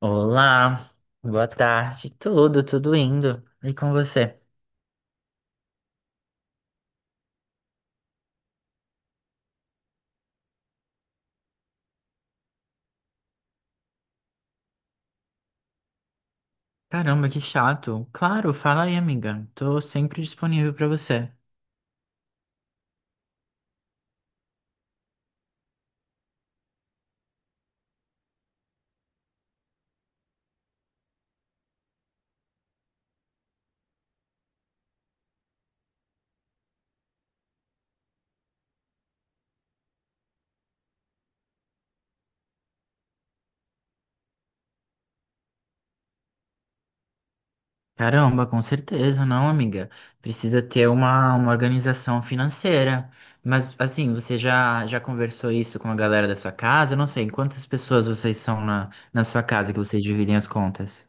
Olá, boa tarde. Tudo indo. E com você? Caramba, que chato. Claro, fala aí, amiga. Tô sempre disponível pra você. Caramba, com certeza, não, amiga. Precisa ter uma organização financeira. Mas assim, você já conversou isso com a galera da sua casa? Eu não sei quantas pessoas vocês são na sua casa que vocês dividem as contas.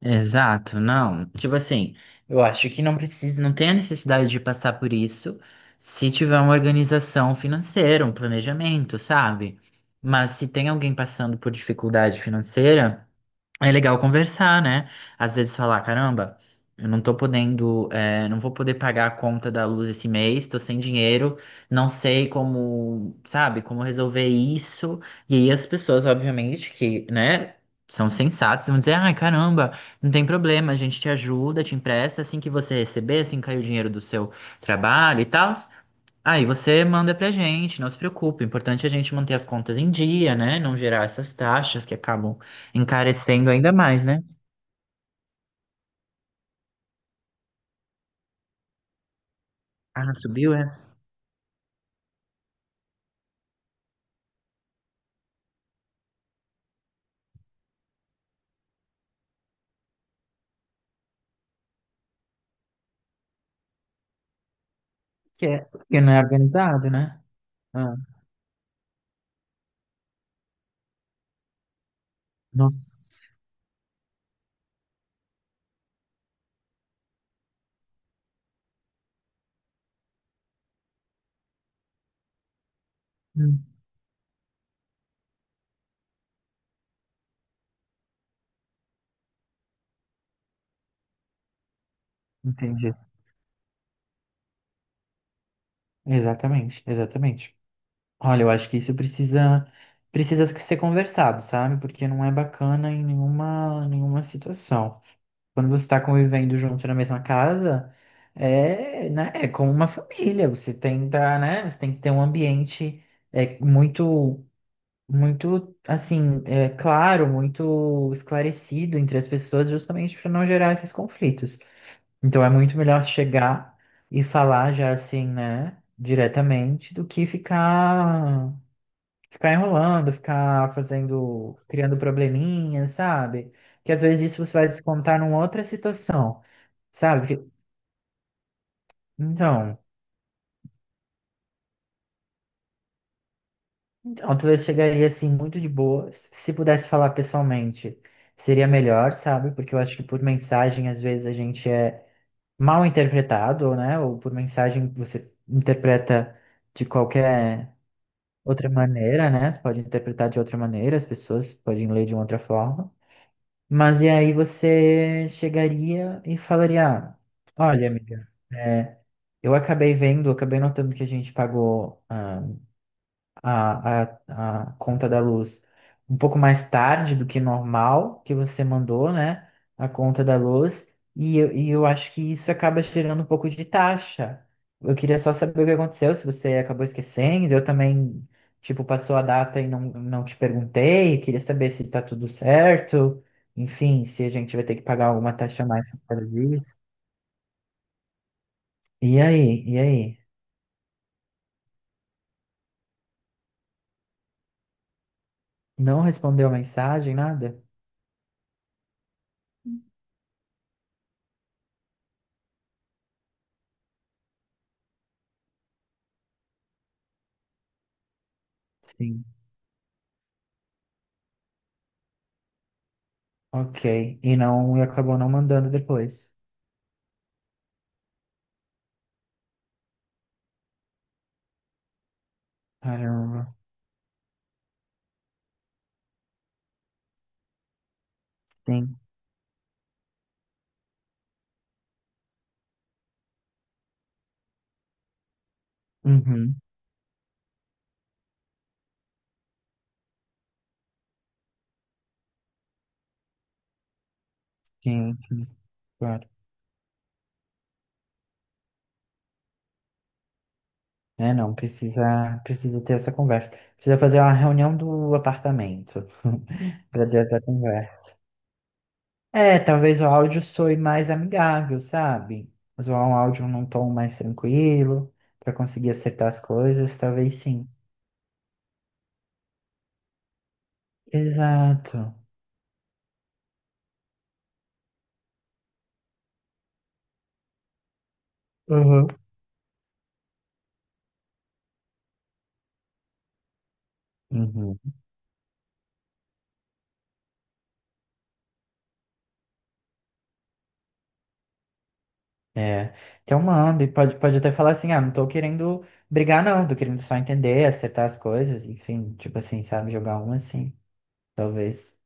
Exato, não. Tipo assim, eu acho que não precisa, não tem a necessidade de passar por isso se tiver uma organização financeira, um planejamento, sabe? Mas se tem alguém passando por dificuldade financeira, é legal conversar, né? Às vezes falar, caramba, eu não tô podendo, não vou poder pagar a conta da luz esse mês, tô sem dinheiro, não sei como, sabe, como resolver isso. E aí as pessoas, obviamente, que, né, são sensatas, vão dizer, ai, caramba, não tem problema, a gente te ajuda, te empresta, assim que você receber, assim que cair o dinheiro do seu trabalho e tal. Aí você manda pra gente, não se preocupe. O importante é a gente manter as contas em dia, né? Não gerar essas taxas que acabam encarecendo ainda mais, né? Ah, subiu, é? Porque não é organizado, né? Ah, nossa. Hum, Entendi. Exatamente, exatamente. Olha, eu acho que isso precisa ser conversado, sabe? Porque não é bacana em nenhuma situação. Quando você está convivendo junto na mesma casa, né, é como uma família. Você tenta, né? Você tem que ter um ambiente muito, muito, assim, claro, muito esclarecido entre as pessoas, justamente para não gerar esses conflitos. Então é muito melhor chegar e falar já assim, né? Diretamente do que ficar enrolando, ficar fazendo, criando probleminhas, sabe? Que às vezes isso você vai descontar numa outra situação, sabe? Então, então talvez chegaria assim muito de boa. Se pudesse falar pessoalmente, seria melhor, sabe? Porque eu acho que por mensagem às vezes a gente é mal interpretado, né? Ou por mensagem você interpreta de qualquer outra maneira, né? Você pode interpretar de outra maneira, as pessoas podem ler de uma outra forma. Mas e aí você chegaria e falaria, ah, olha, amiga, é, eu acabei vendo, acabei notando que a gente pagou. ah, a, a, a conta da luz um pouco mais tarde do que normal, que você mandou, né? A conta da luz. E eu acho que isso acaba gerando um pouco de taxa. Eu queria só saber o que aconteceu, se você acabou esquecendo. Eu também, tipo, passou a data e não te perguntei. Queria saber se tá tudo certo. Enfim, se a gente vai ter que pagar alguma taxa a mais por causa disso. E aí? E aí? Não respondeu a mensagem, nada? Sim. Ok. E não, e acabou não mandando depois. Caramba. Sim. Uhum. Sim, sim, claro. É, não, precisa ter essa conversa. Precisa fazer uma reunião do apartamento para ter essa conversa. É, talvez o áudio soe mais amigável, sabe? Usar um áudio num tom mais tranquilo para conseguir acertar as coisas, talvez sim. Exato. Uhum. Uhum. É, então manda, e pode até falar assim, ah, não tô querendo brigar não, tô querendo só entender, acertar as coisas, enfim, tipo assim, sabe, jogar um assim, talvez.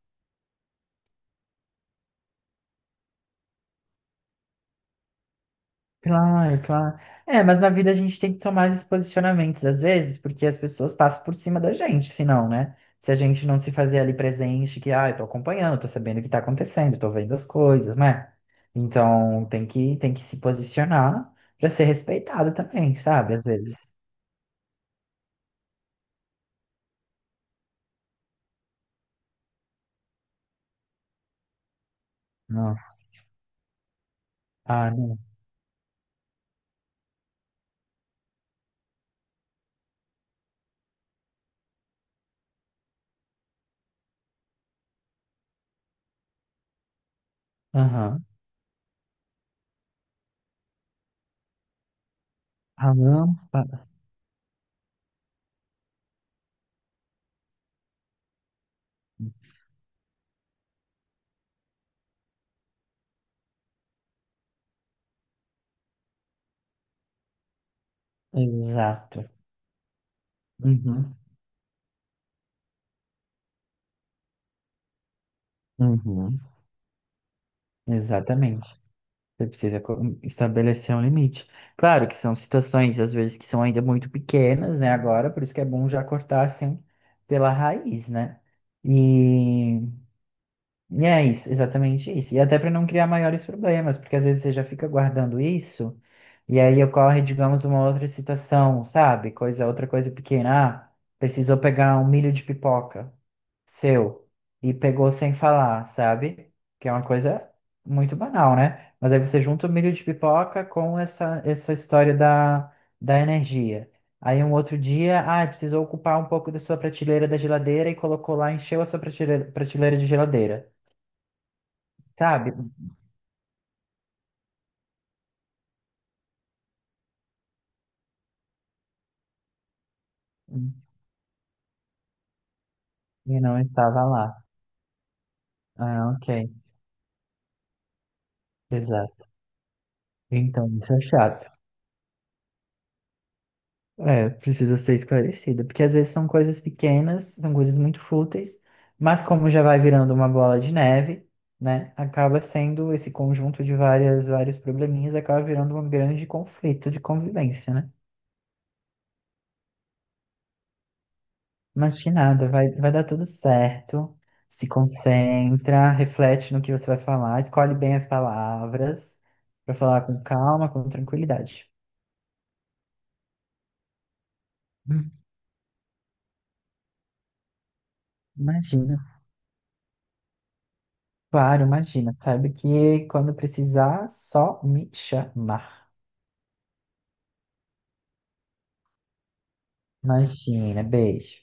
Claro, claro. É, mas na vida a gente tem que tomar esses posicionamentos às vezes, porque as pessoas passam por cima da gente, se não, né? Se a gente não se fazer ali presente, que, ah, eu tô acompanhando, tô sabendo o que tá acontecendo, tô vendo as coisas, né? Então tem que se posicionar pra ser respeitado também, sabe? Às vezes. Nossa. Ah, não. Aham. Ah, não. Exato. Uhum, uhum, exatamente. Você precisa estabelecer um limite. Claro que são situações, às vezes, que são ainda muito pequenas, né? Agora, por isso que é bom já cortar assim pela raiz, né? E, e é isso, exatamente isso. E até para não criar maiores problemas, porque às vezes você já fica guardando isso, e aí ocorre, digamos, uma outra situação, sabe? Outra coisa pequena. Ah, precisou pegar um milho de pipoca. Seu E pegou sem falar, sabe? Que é uma coisa muito banal, né? Mas aí você junta o milho de pipoca com essa história da energia. Aí um outro dia, ah, precisou ocupar um pouco da sua prateleira da geladeira e colocou lá, encheu a sua prateleira, prateleira de geladeira, sabe? E não estava lá. Ah, ok. Exato. Então, isso é chato. É, precisa ser esclarecida, porque às vezes são coisas pequenas, são coisas muito fúteis, mas como já vai virando uma bola de neve, né, acaba sendo esse conjunto de vários probleminhas, acaba virando um grande conflito de convivência, né? Mas que nada, vai dar tudo certo, se concentra, reflete no que você vai falar, escolhe bem as palavras para falar com calma, com tranquilidade. Hum, Imagina. Claro, imagina, sabe que quando precisar, só me chamar. Imagina, beijo.